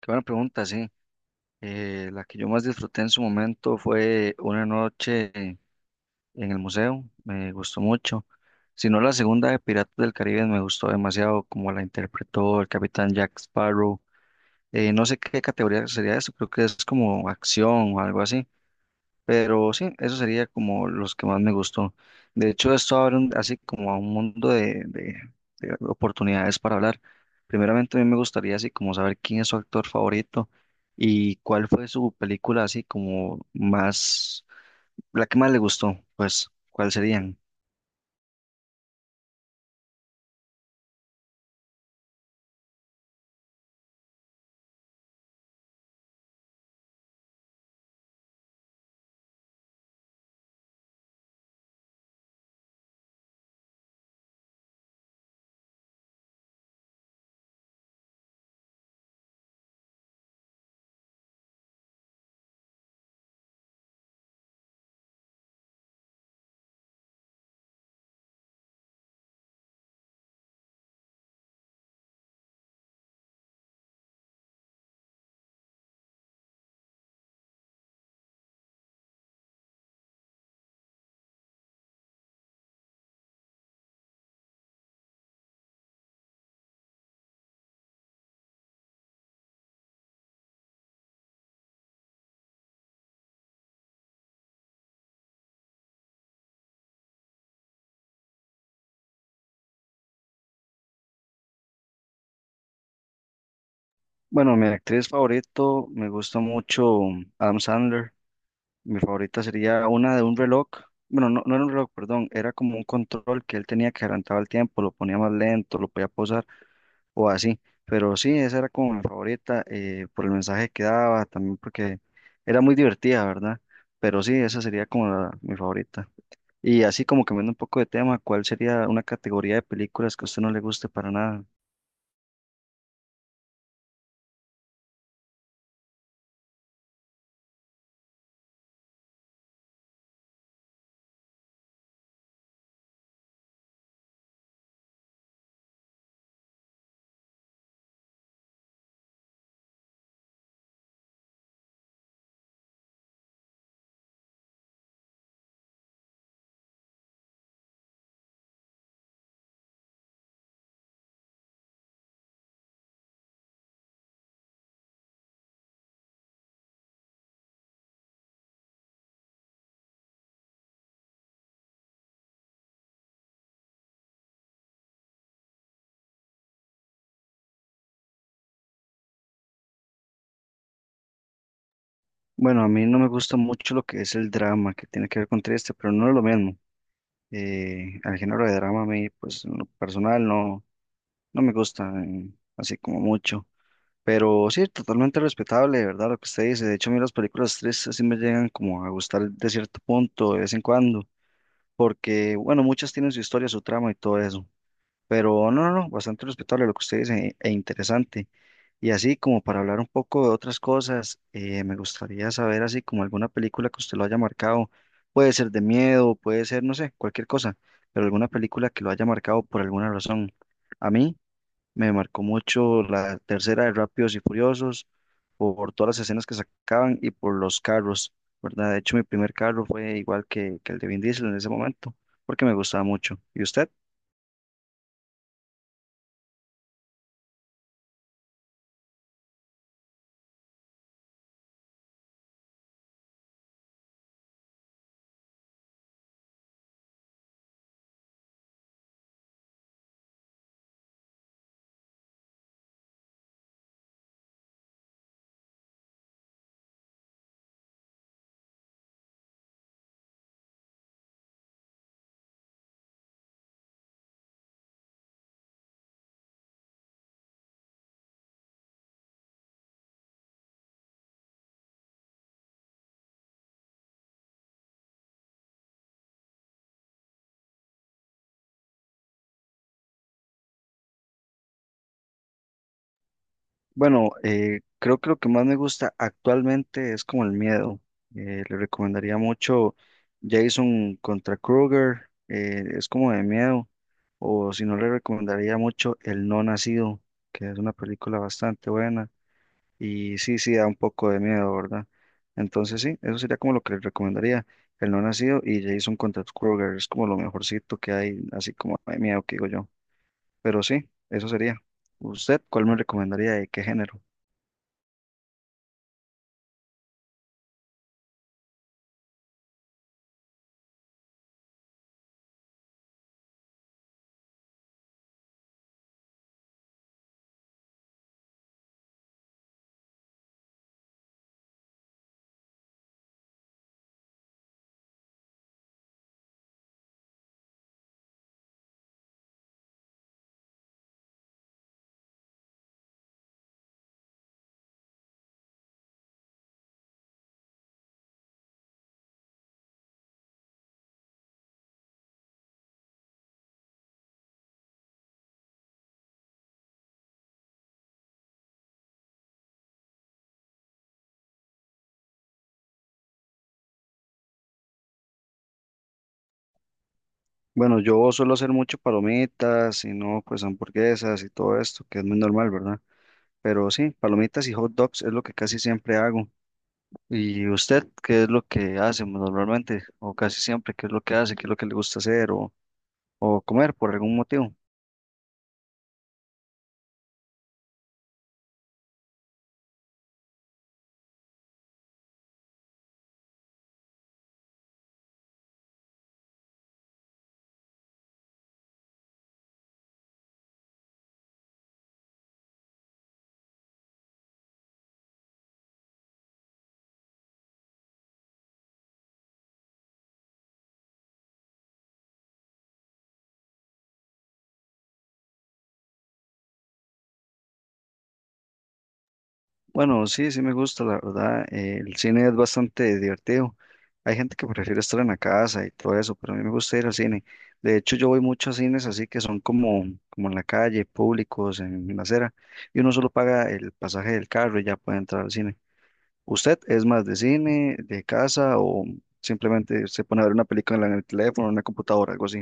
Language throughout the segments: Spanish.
Qué buena pregunta, sí. La que yo más disfruté en su momento fue una noche en el museo, me gustó mucho. Si no, la segunda de Piratas del Caribe me gustó demasiado, como la interpretó el capitán Jack Sparrow. No sé qué categoría sería eso, creo que es como acción o algo así. Pero sí, eso sería como los que más me gustó. De hecho, esto abre un- así como a un mundo de de oportunidades para hablar. Primeramente, a mí me gustaría así como saber quién es su actor favorito y cuál fue su película así como más, la que más le gustó, pues, ¿cuál serían? Bueno, mi actriz favorito me gusta mucho Adam Sandler. Mi favorita sería una de un reloj. Bueno, no, no era un reloj, perdón, era como un control que él tenía que adelantaba el tiempo, lo ponía más lento, lo podía pausar. O así. Pero sí, esa era como mi favorita por el mensaje que daba, también porque era muy divertida, ¿verdad? Pero sí, esa sería como la- mi favorita. Y así como cambiando un poco de tema, ¿cuál sería una categoría de películas que a usted no le guste para nada? Bueno, a mí no me gusta mucho lo que es el drama, que tiene que ver con triste, pero no es lo mismo. El género de drama a mí, pues en lo personal no, no me gusta así como mucho. Pero sí, totalmente respetable, ¿verdad? Lo que usted dice. De hecho, a mí las películas tristes sí me llegan como a gustar de cierto punto, de vez en cuando, porque, bueno, muchas tienen su historia, su trama y todo eso. Pero no, no, no, bastante respetable lo que usted dice e interesante. Y así como para hablar un poco de otras cosas, me gustaría saber así como alguna película que usted lo haya marcado. Puede ser de miedo, puede ser, no sé, cualquier cosa, pero alguna película que lo haya marcado por alguna razón. A mí. Me marcó mucho la tercera de Rápidos y Furiosos por todas las escenas que sacaban y por los carros, ¿verdad? De hecho, mi primer carro fue igual que el de Vin Diesel en ese momento, porque me gustaba mucho. ¿Y usted? Bueno, creo que lo que más me gusta actualmente es como el miedo. Le recomendaría mucho Jason contra Kruger, es como de miedo. O si no, le recomendaría mucho El No Nacido, que es una película bastante buena. Y sí, sí, da un poco de miedo, ¿verdad? Entonces sí, eso sería como lo que les recomendaría. El no nacido y Jason contra los Krueger es como lo mejorcito que hay, así como de miedo que digo yo. Pero sí, eso sería. ¿Usted cuál me recomendaría y qué género? Bueno, yo suelo hacer mucho palomitas y no, pues hamburguesas y todo esto, que es muy normal, ¿verdad? Pero sí, palomitas y hot dogs es lo que casi siempre hago. ¿Y usted qué es lo que hace normalmente? O casi siempre, ¿qué es lo que hace? ¿Qué es lo que le gusta hacer o comer por algún motivo? Bueno, sí, sí me gusta, la verdad. El cine es bastante divertido. Hay gente que prefiere estar en la casa y todo eso, pero a mí me gusta ir al cine. De hecho, yo voy mucho a cines así que son como, como en la calle, públicos, en la acera, y uno solo paga el pasaje del carro y ya puede entrar al cine. ¿Usted es más de cine, de casa o simplemente se pone a ver una película en el teléfono, en una computadora, algo así?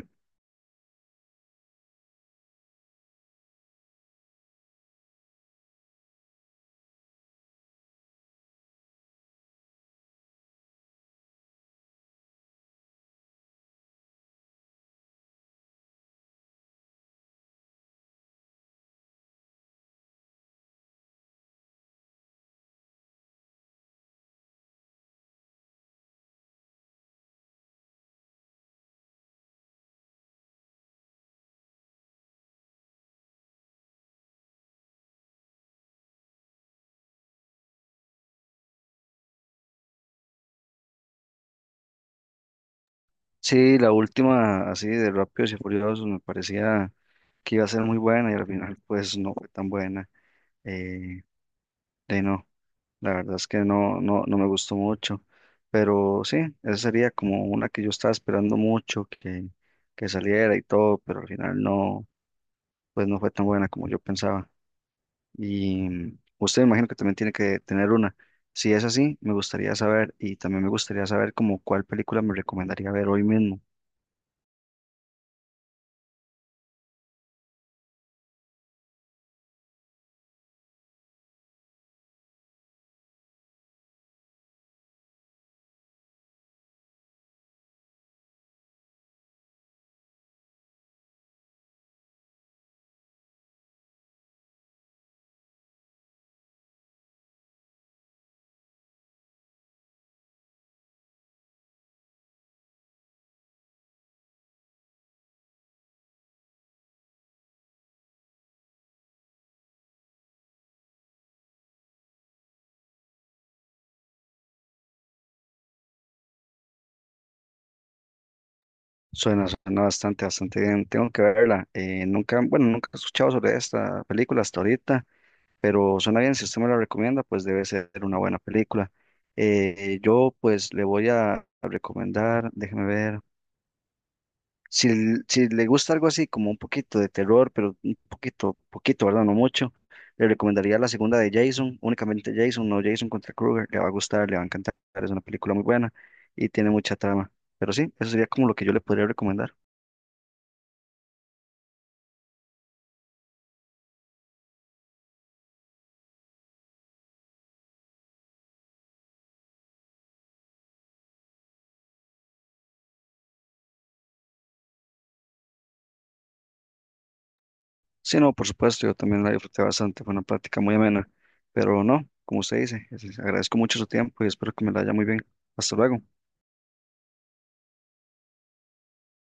Sí, la última así de Rápidos y Furiosos me parecía que iba a ser muy buena y al final pues no fue tan buena. Eh, De ahí no, la verdad es que no, no, no me gustó mucho, pero sí, esa sería como una que yo estaba esperando mucho que saliera y todo, pero al final no, pues no fue tan buena como yo pensaba. Y usted me imagino que también tiene que tener una. Si es así, me gustaría saber y también me gustaría saber como cuál película me recomendaría ver hoy mismo. Suena, suena bastante, bastante bien. Tengo que verla. Nunca, bueno, nunca he escuchado sobre esta película hasta ahorita. Pero suena bien, si usted me la recomienda, pues debe ser una buena película. Yo pues le voy a recomendar, déjeme ver, si, l- si le gusta algo así como un poquito de terror, pero un poquito, poquito, ¿verdad? No mucho, le recomendaría la segunda de Jason, únicamente Jason, no Jason contra Krueger, le va a gustar, le va a encantar, es una película muy buena y tiene mucha trama, pero sí, eso sería como lo que yo le podría recomendar. Sí, no, por supuesto, yo también la disfruté bastante, fue una plática muy amena, pero no, como usted dice, es- agradezco mucho su tiempo y espero que me la haya muy bien. Hasta luego.